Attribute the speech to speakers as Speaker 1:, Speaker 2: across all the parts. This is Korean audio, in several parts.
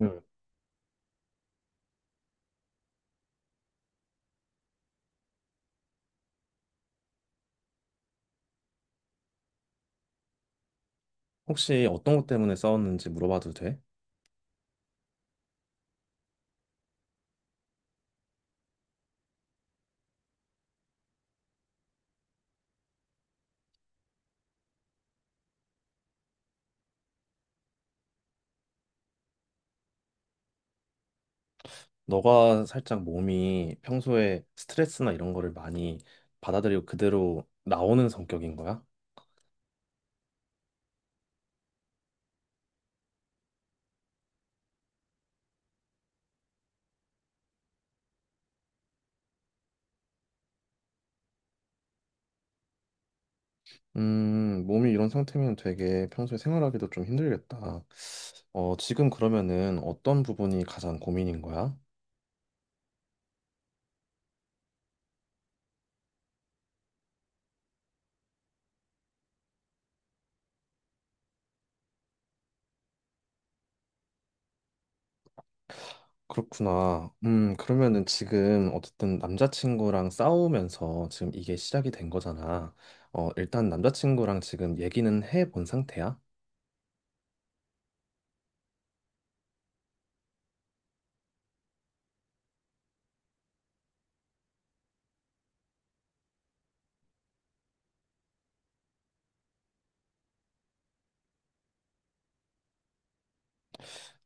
Speaker 1: 음. 혹시 어떤 것 때문에 싸웠는지 물어봐도 돼? 너가 살짝 몸이 평소에 스트레스나 이런 거를 많이 받아들이고 그대로 나오는 성격인 거야? 몸이 이런 상태면 되게 평소에 생활하기도 좀 힘들겠다. 지금 그러면은 어떤 부분이 가장 고민인 거야? 그렇구나. 그러면은 지금 어쨌든 남자친구랑 싸우면서 지금 이게 시작이 된 거잖아. 일단 남자친구랑 지금 얘기는 해본 상태야?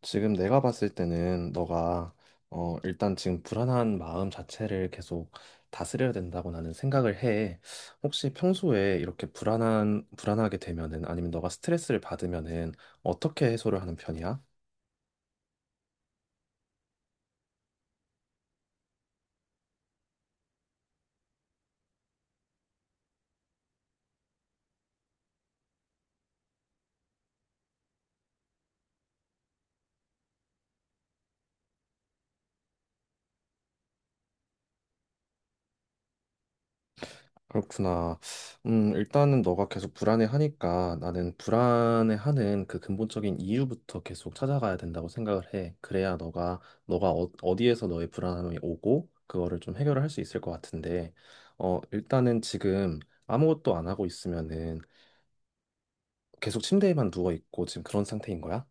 Speaker 1: 지금 내가 봤을 때는 너가 일단 지금 불안한 마음 자체를 계속 다스려야 된다고 나는 생각을 해. 혹시 평소에 이렇게 불안한 불안하게 되면은 아니면 너가 스트레스를 받으면은 어떻게 해소를 하는 편이야? 그렇구나. 일단은 너가 계속 불안해하니까 나는 불안해하는 그 근본적인 이유부터 계속 찾아가야 된다고 생각을 해. 그래야 너가 어디에서 너의 불안함이 오고 그거를 좀 해결을 할 수 있을 것 같은데, 일단은 지금 아무것도 안 하고 있으면은 계속 침대에만 누워 있고 지금 그런 상태인 거야?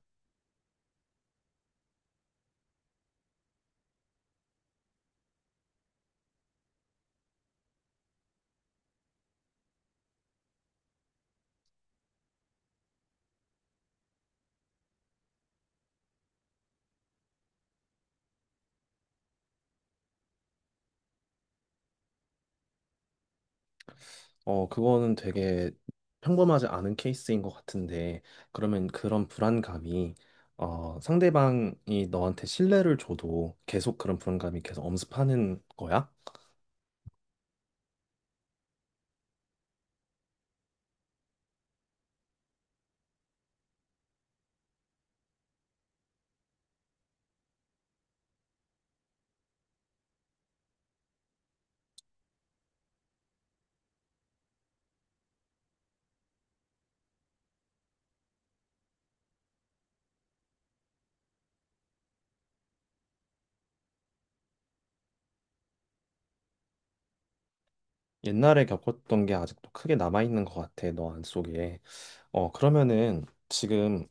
Speaker 1: 그거는 되게 평범하지 않은 케이스인 것 같은데, 그러면 그런 불안감이, 상대방이 너한테 신뢰를 줘도 계속 그런 불안감이 계속 엄습하는 거야? 옛날에 겪었던 게 아직도 크게 남아있는 것 같아, 너 안속에. 그러면은 지금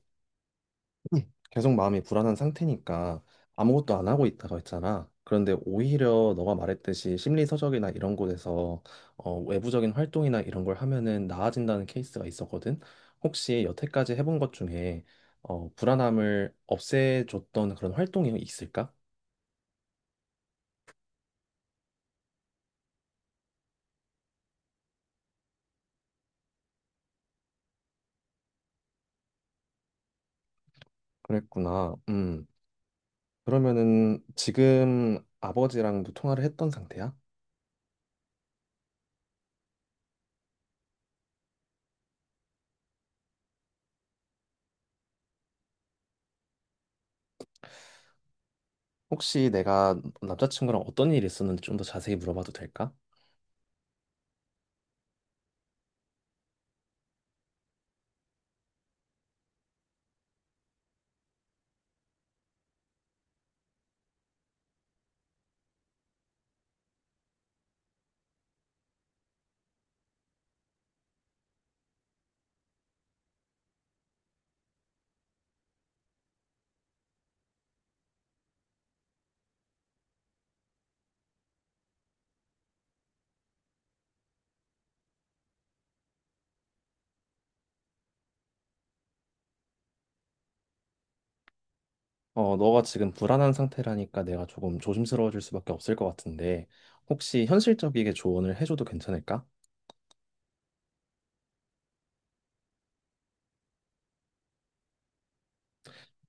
Speaker 1: 계속 마음이 불안한 상태니까 아무것도 안 하고 있다가 했잖아. 그런데 오히려 너가 말했듯이 심리서적이나 이런 곳에서 외부적인 활동이나 이런 걸 하면은 나아진다는 케이스가 있었거든. 혹시 여태까지 해본 것 중에 불안함을 없애줬던 그런 활동이 있을까? 그랬구나. 음. 그러면은 지금 아버지랑도 통화를 했던 상태야? 혹시 내가 남자친구랑 어떤 일이 있었는지 좀 더 자세히 물어봐도 될까? 너가 지금 불안한 상태라니까 내가 조금 조심스러워질 수밖에 없을 것 같은데, 혹시 현실적이게 조언을 해줘도 괜찮을까?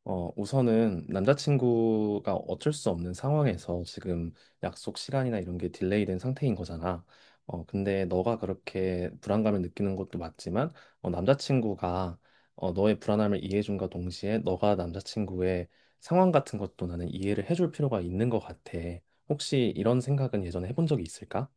Speaker 1: 우선은 남자친구가 어쩔 수 없는 상황에서 지금 약속 시간이나 이런 게 딜레이된 상태인 거잖아. 근데 너가 그렇게 불안감을 느끼는 것도 맞지만, 어, 남자친구가 너의 불안함을 이해해준과 동시에 너가 남자친구의 상황 같은 것도 나는 이해를 해줄 필요가 있는 것 같아. 혹시 이런 생각은 예전에 해본 적이 있을까?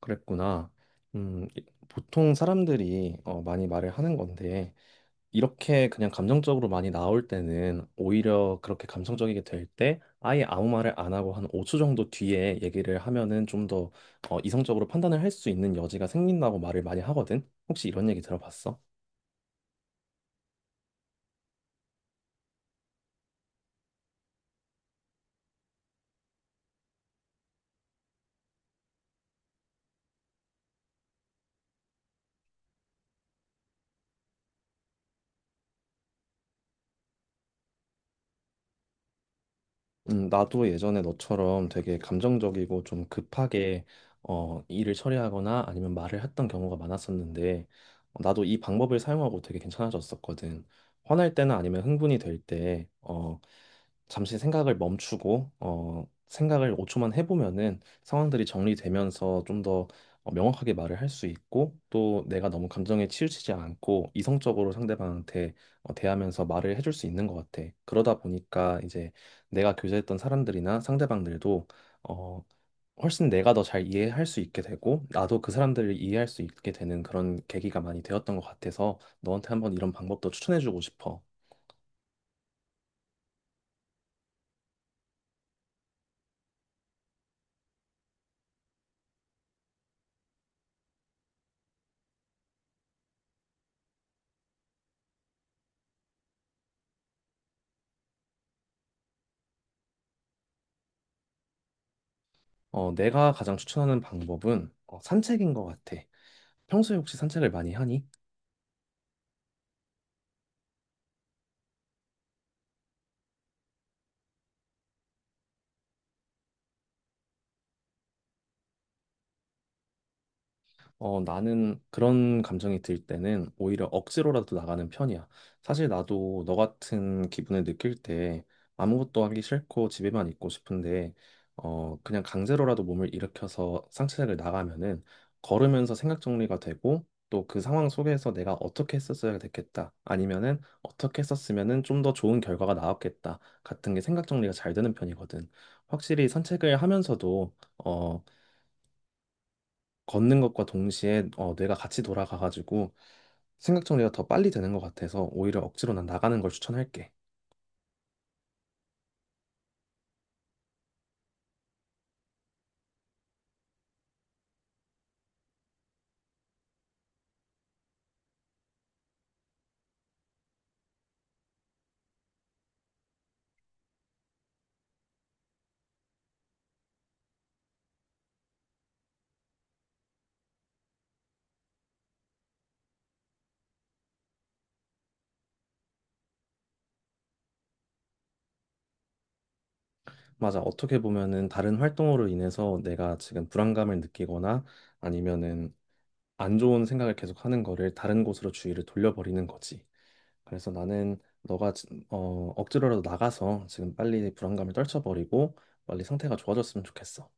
Speaker 1: 그랬구나. 보통 사람들이 많이 말을 하는 건데, 이렇게 그냥 감정적으로 많이 나올 때는 오히려 그렇게 감성적이게 될 때 아예 아무 말을 안 하고 한 5초 정도 뒤에 얘기를 하면은 좀더 이성적으로 판단을 할 수 있는 여지가 생긴다고 말을 많이 하거든. 혹시 이런 얘기 들어봤어? 나도 예전에 너처럼 되게 감정적이고 좀 급하게 일을 처리하거나 아니면 말을 했던 경우가 많았었는데 나도 이 방법을 사용하고 되게 괜찮아졌었거든. 화날 때나 아니면 흥분이 될 때, 잠시 생각을 멈추고 생각을 5초만 해보면은 상황들이 정리되면서 좀더 명확하게 말을 할 수 있고 또 내가 너무 감정에 치우치지 않고 이성적으로 상대방한테 대하면서 말을 해줄 수 있는 것 같아. 그러다 보니까 이제 내가 교제했던 사람들이나 상대방들도 어, 훨씬 내가 더 잘 이해할 수 있게 되고 나도 그 사람들을 이해할 수 있게 되는 그런 계기가 많이 되었던 것 같아서 너한테 한번 이런 방법도 추천해주고 싶어. 내가 가장 추천하는 방법은 산책인 것 같아. 평소에 혹시 산책을 많이 하니? 나는 그런 감정이 들 때는 오히려 억지로라도 나가는 편이야. 사실 나도 너 같은 기분을 느낄 때 아무것도 하기 싫고 집에만 있고 싶은데, 그냥 강제로라도 몸을 일으켜서 상체를 나가면은 걸으면서 생각 정리가 되고, 또 그 상황 속에서 내가 어떻게 했었어야 됐겠다. 아니면은 어떻게 했었으면은 좀 더 좋은 결과가 나왔겠다. 같은 게 생각 정리가 잘 되는 편이거든. 확실히 산책을 하면서도 어, 걷는 것과 동시에 뇌가 같이 돌아가가지고 생각 정리가 더 빨리 되는 것 같아서 오히려 억지로 난 나가는 걸 추천할게. 맞아. 어떻게 보면은 다른 활동으로 인해서 내가 지금 불안감을 느끼거나 아니면은 안 좋은 생각을 계속 하는 거를 다른 곳으로 주의를 돌려버리는 거지. 그래서 나는 너가 억지로라도 나가서 지금 빨리 불안감을 떨쳐버리고 빨리 상태가 좋아졌으면 좋겠어.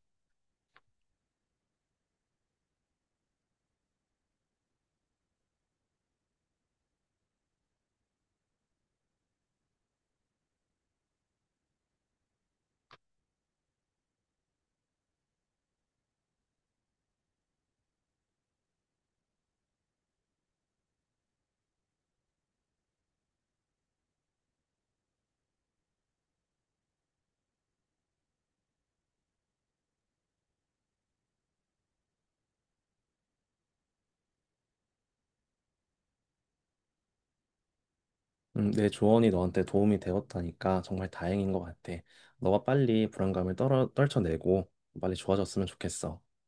Speaker 1: 내 조언이 너한테 도움이 되었다니까 정말 다행인 것 같아. 너가 빨리 떨쳐내고 빨리 좋아졌으면 좋겠어.